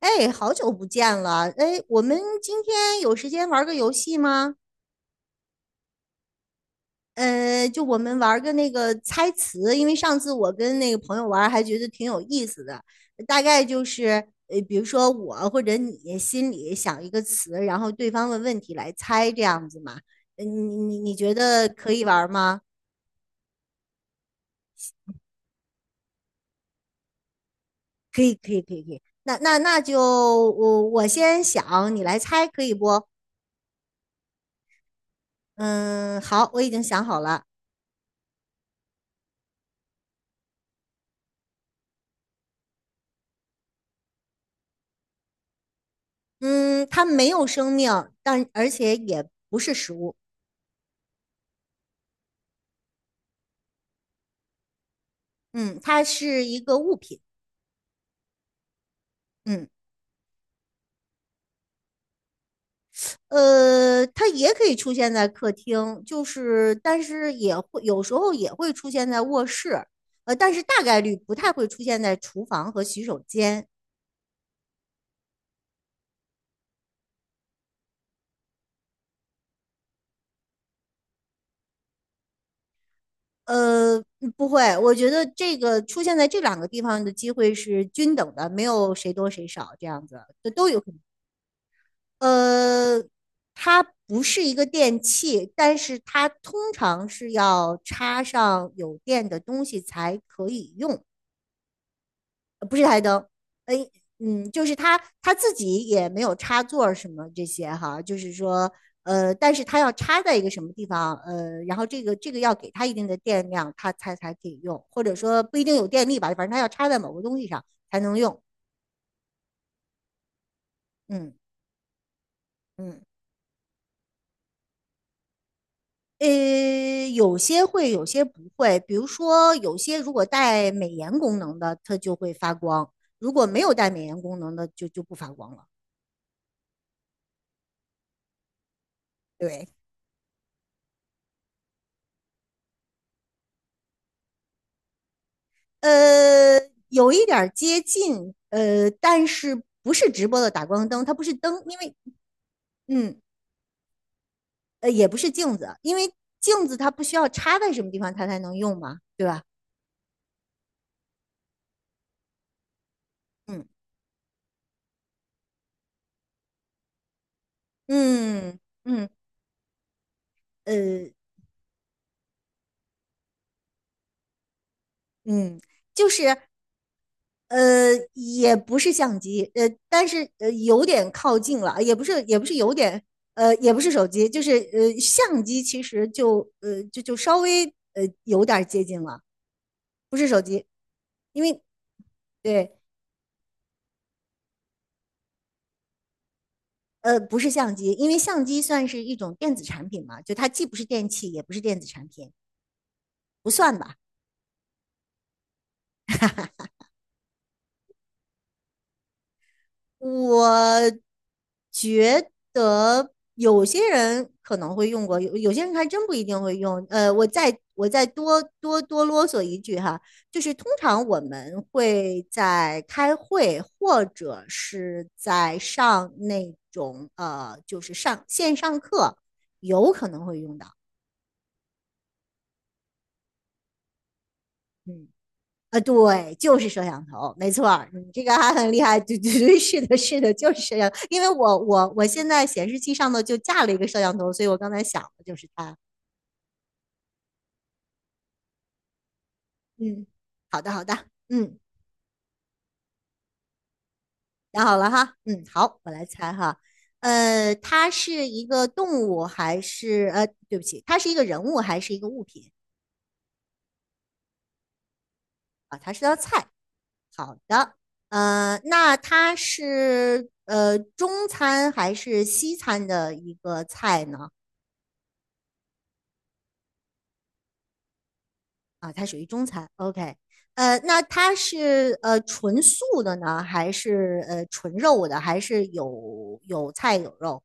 哎，好久不见了！哎，我们今天有时间玩个游戏吗？就我们玩个那个猜词，因为上次我跟那个朋友玩，还觉得挺有意思的。大概就是比如说我或者你心里想一个词，然后对方问问题来猜这样子嘛。呃你你觉得可以玩吗？可以，可以，可以，可以。那就我先想，你来猜，可以不？嗯，好，我已经想好了。嗯，它没有生命，但而且也不是食物。嗯，它是一个物品。嗯，它也可以出现在客厅，就是但是也会有时候也会出现在卧室，呃，但是大概率不太会出现在厨房和洗手间。不会，我觉得这个出现在这两个地方的机会是均等的，没有谁多谁少这样子，都有可能。呃，它不是一个电器，但是它通常是要插上有电的东西才可以用，不是台灯，呃，就是它自己也没有插座儿什么这些哈，就是说，呃，但是它要插在一个什么地方，呃，然后这个要给它一定的电量，它才可以用，或者说不一定有电力吧，反正它要插在某个东西上才能用。嗯嗯。有些会，有些不会。比如说，有些如果带美颜功能的，它就会发光；如果没有带美颜功能的，就不发光了。对，呃，有一点儿接近，呃，但是不是直播的打光灯，它不是灯，因为，嗯，也不是镜子，因为镜子它不需要插在什么地方它才能用嘛，对吧？嗯嗯嗯，呃嗯，就是。也不是相机，但是有点靠近了，也不是有点，也不是手机，就是相机其实就稍微有点接近了，不是手机，因为对不是相机，因为相机算是一种电子产品嘛，就它既不是电器，也不是电子产品，不算吧。我觉得有些人可能会用过，有些人还真不一定会用。我再多啰嗦一句哈，就是通常我们会在开会或者是在上那种就是上线上课，有可能会用到。嗯。啊，对，就是摄像头，没错儿，你这个还很厉害，对对对，是的，是的，就是摄像，因为我现在显示器上头就架了一个摄像头，所以我刚才想的就是它。嗯，好的，好的，嗯，想好了哈，嗯，好，我来猜哈，呃，它是一个动物还是呃，对不起，它是一个人物还是一个物品？那它是中餐还是西餐的一个菜呢？啊，它属于中餐。OK，那它是纯素的呢，还是纯肉的，还是有菜有肉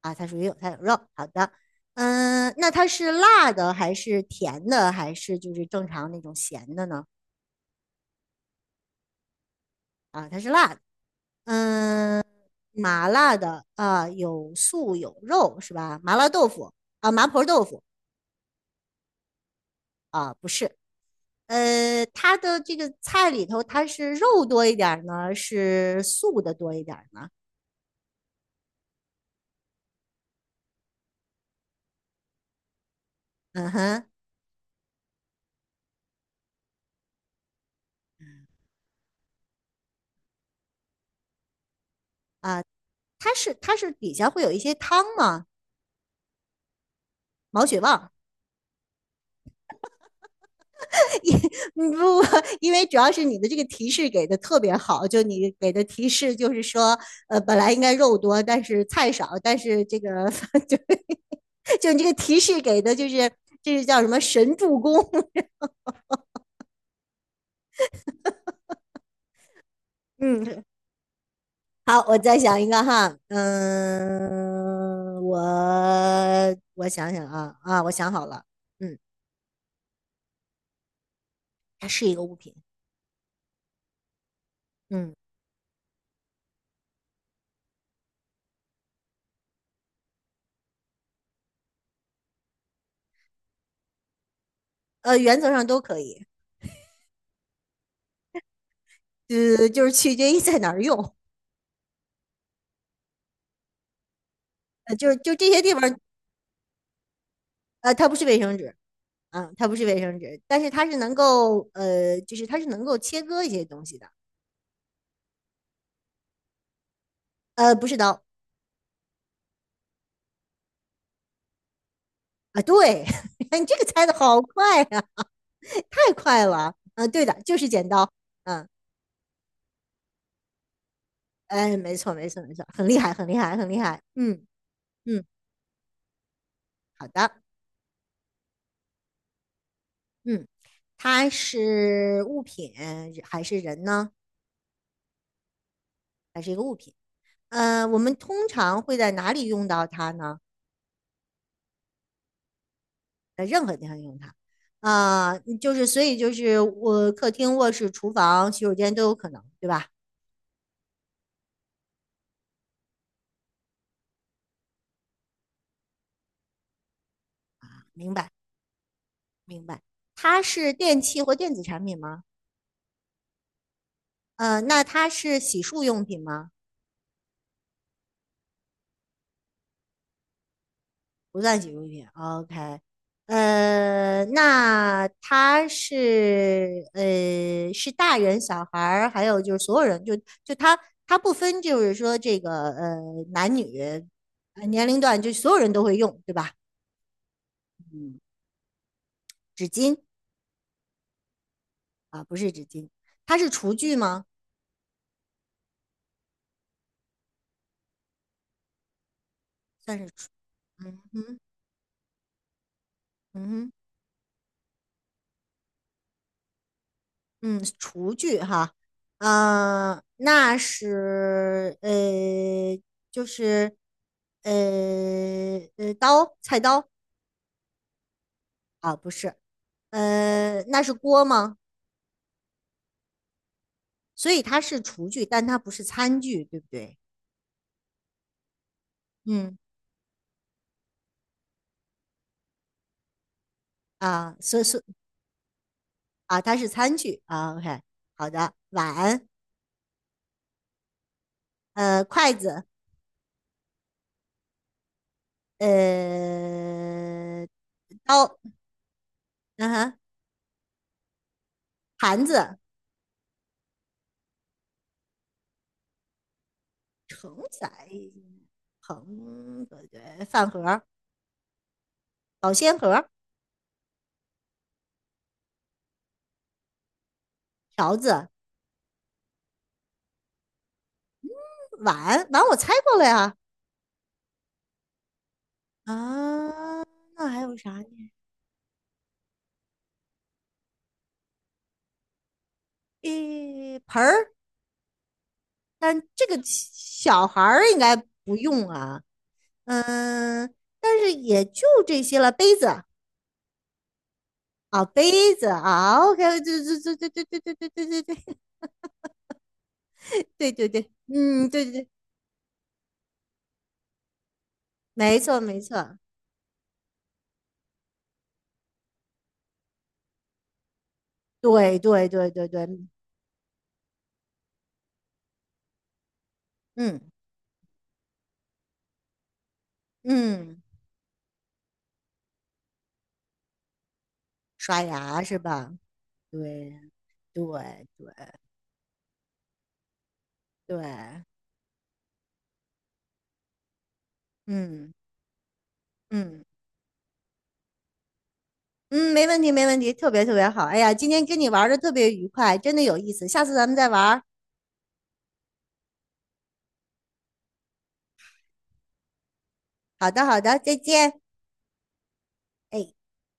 啊？它属于有菜有肉。好的，嗯、那它是辣的，还是甜的，还是就是正常那种咸的呢？嗯、麻辣的啊、有素有肉是吧？麻辣豆腐啊，麻婆豆腐啊，不是。它的这个菜里头，它是肉多一点儿呢，是素的多一点儿呢？嗯哼。啊，它是底下会有一些汤吗？毛血旺。因不，因为主要是你的这个提示给的特别好，就你给的提示就是说，呃，本来应该肉多，但是菜少，但是这个 就就你这个提示给的就是这是叫什么神助攻？嗯，好，我再想一个哈，嗯，我想想啊，我想好了，嗯，它是一个物品，嗯，呃，原则上都可以。呃，就是取决于 在哪儿用，呃，就是就这些地方，呃，它不是卫生纸，啊，它不是卫生纸，但是它是能够，呃，就是它是能够切割一些东西的，不是刀，啊，对，你这个猜的好快呀、太快了，啊，对的，就是剪刀，嗯，哎，没错，没错，没错，很厉害，很厉害，很厉害，嗯嗯，好的，嗯，它是物品还是人呢？还是一个物品？我们通常会在哪里用到它呢？在任何地方用它。啊、就是所以就是我客厅、卧室、厨房、洗手间都有可能，对吧？明白，明白。它是电器或电子产品吗？那它是洗漱用品吗？不算洗漱品。哦 OK，那它是是大人、小孩儿，还有就是所有人，就就它它不分，就是说这个男女年龄段，就所有人都会用，对吧？嗯，纸巾。啊，不是纸巾，它是厨具吗？算是厨，嗯哼，嗯哼，嗯，厨具哈，嗯、那是就是呃刀，菜刀啊，不是，那是锅吗？所以它是厨具，但它不是餐具，对不对？嗯。啊，所以所以啊，它是餐具啊，OK，好的，碗，筷子，呃，刀，嗯哼。盘子、盛仔、盆、饭盒、保鲜盒、勺子、碗，碗我猜过了呀。啊，那还有啥呢？诶，盆儿，但这个小孩儿应该不用啊。嗯，但是也就这些了。杯子啊，杯子啊，OK，对对对对对对对对对对对 对对对，嗯，对对对，没错没错，对对对对对，嗯嗯，刷牙是吧？对对对对，嗯嗯嗯，没问题，没问题，特别特别好。哎呀，今天跟你玩的特别愉快，真的有意思，下次咱们再玩儿。好的，好的，再见。哎。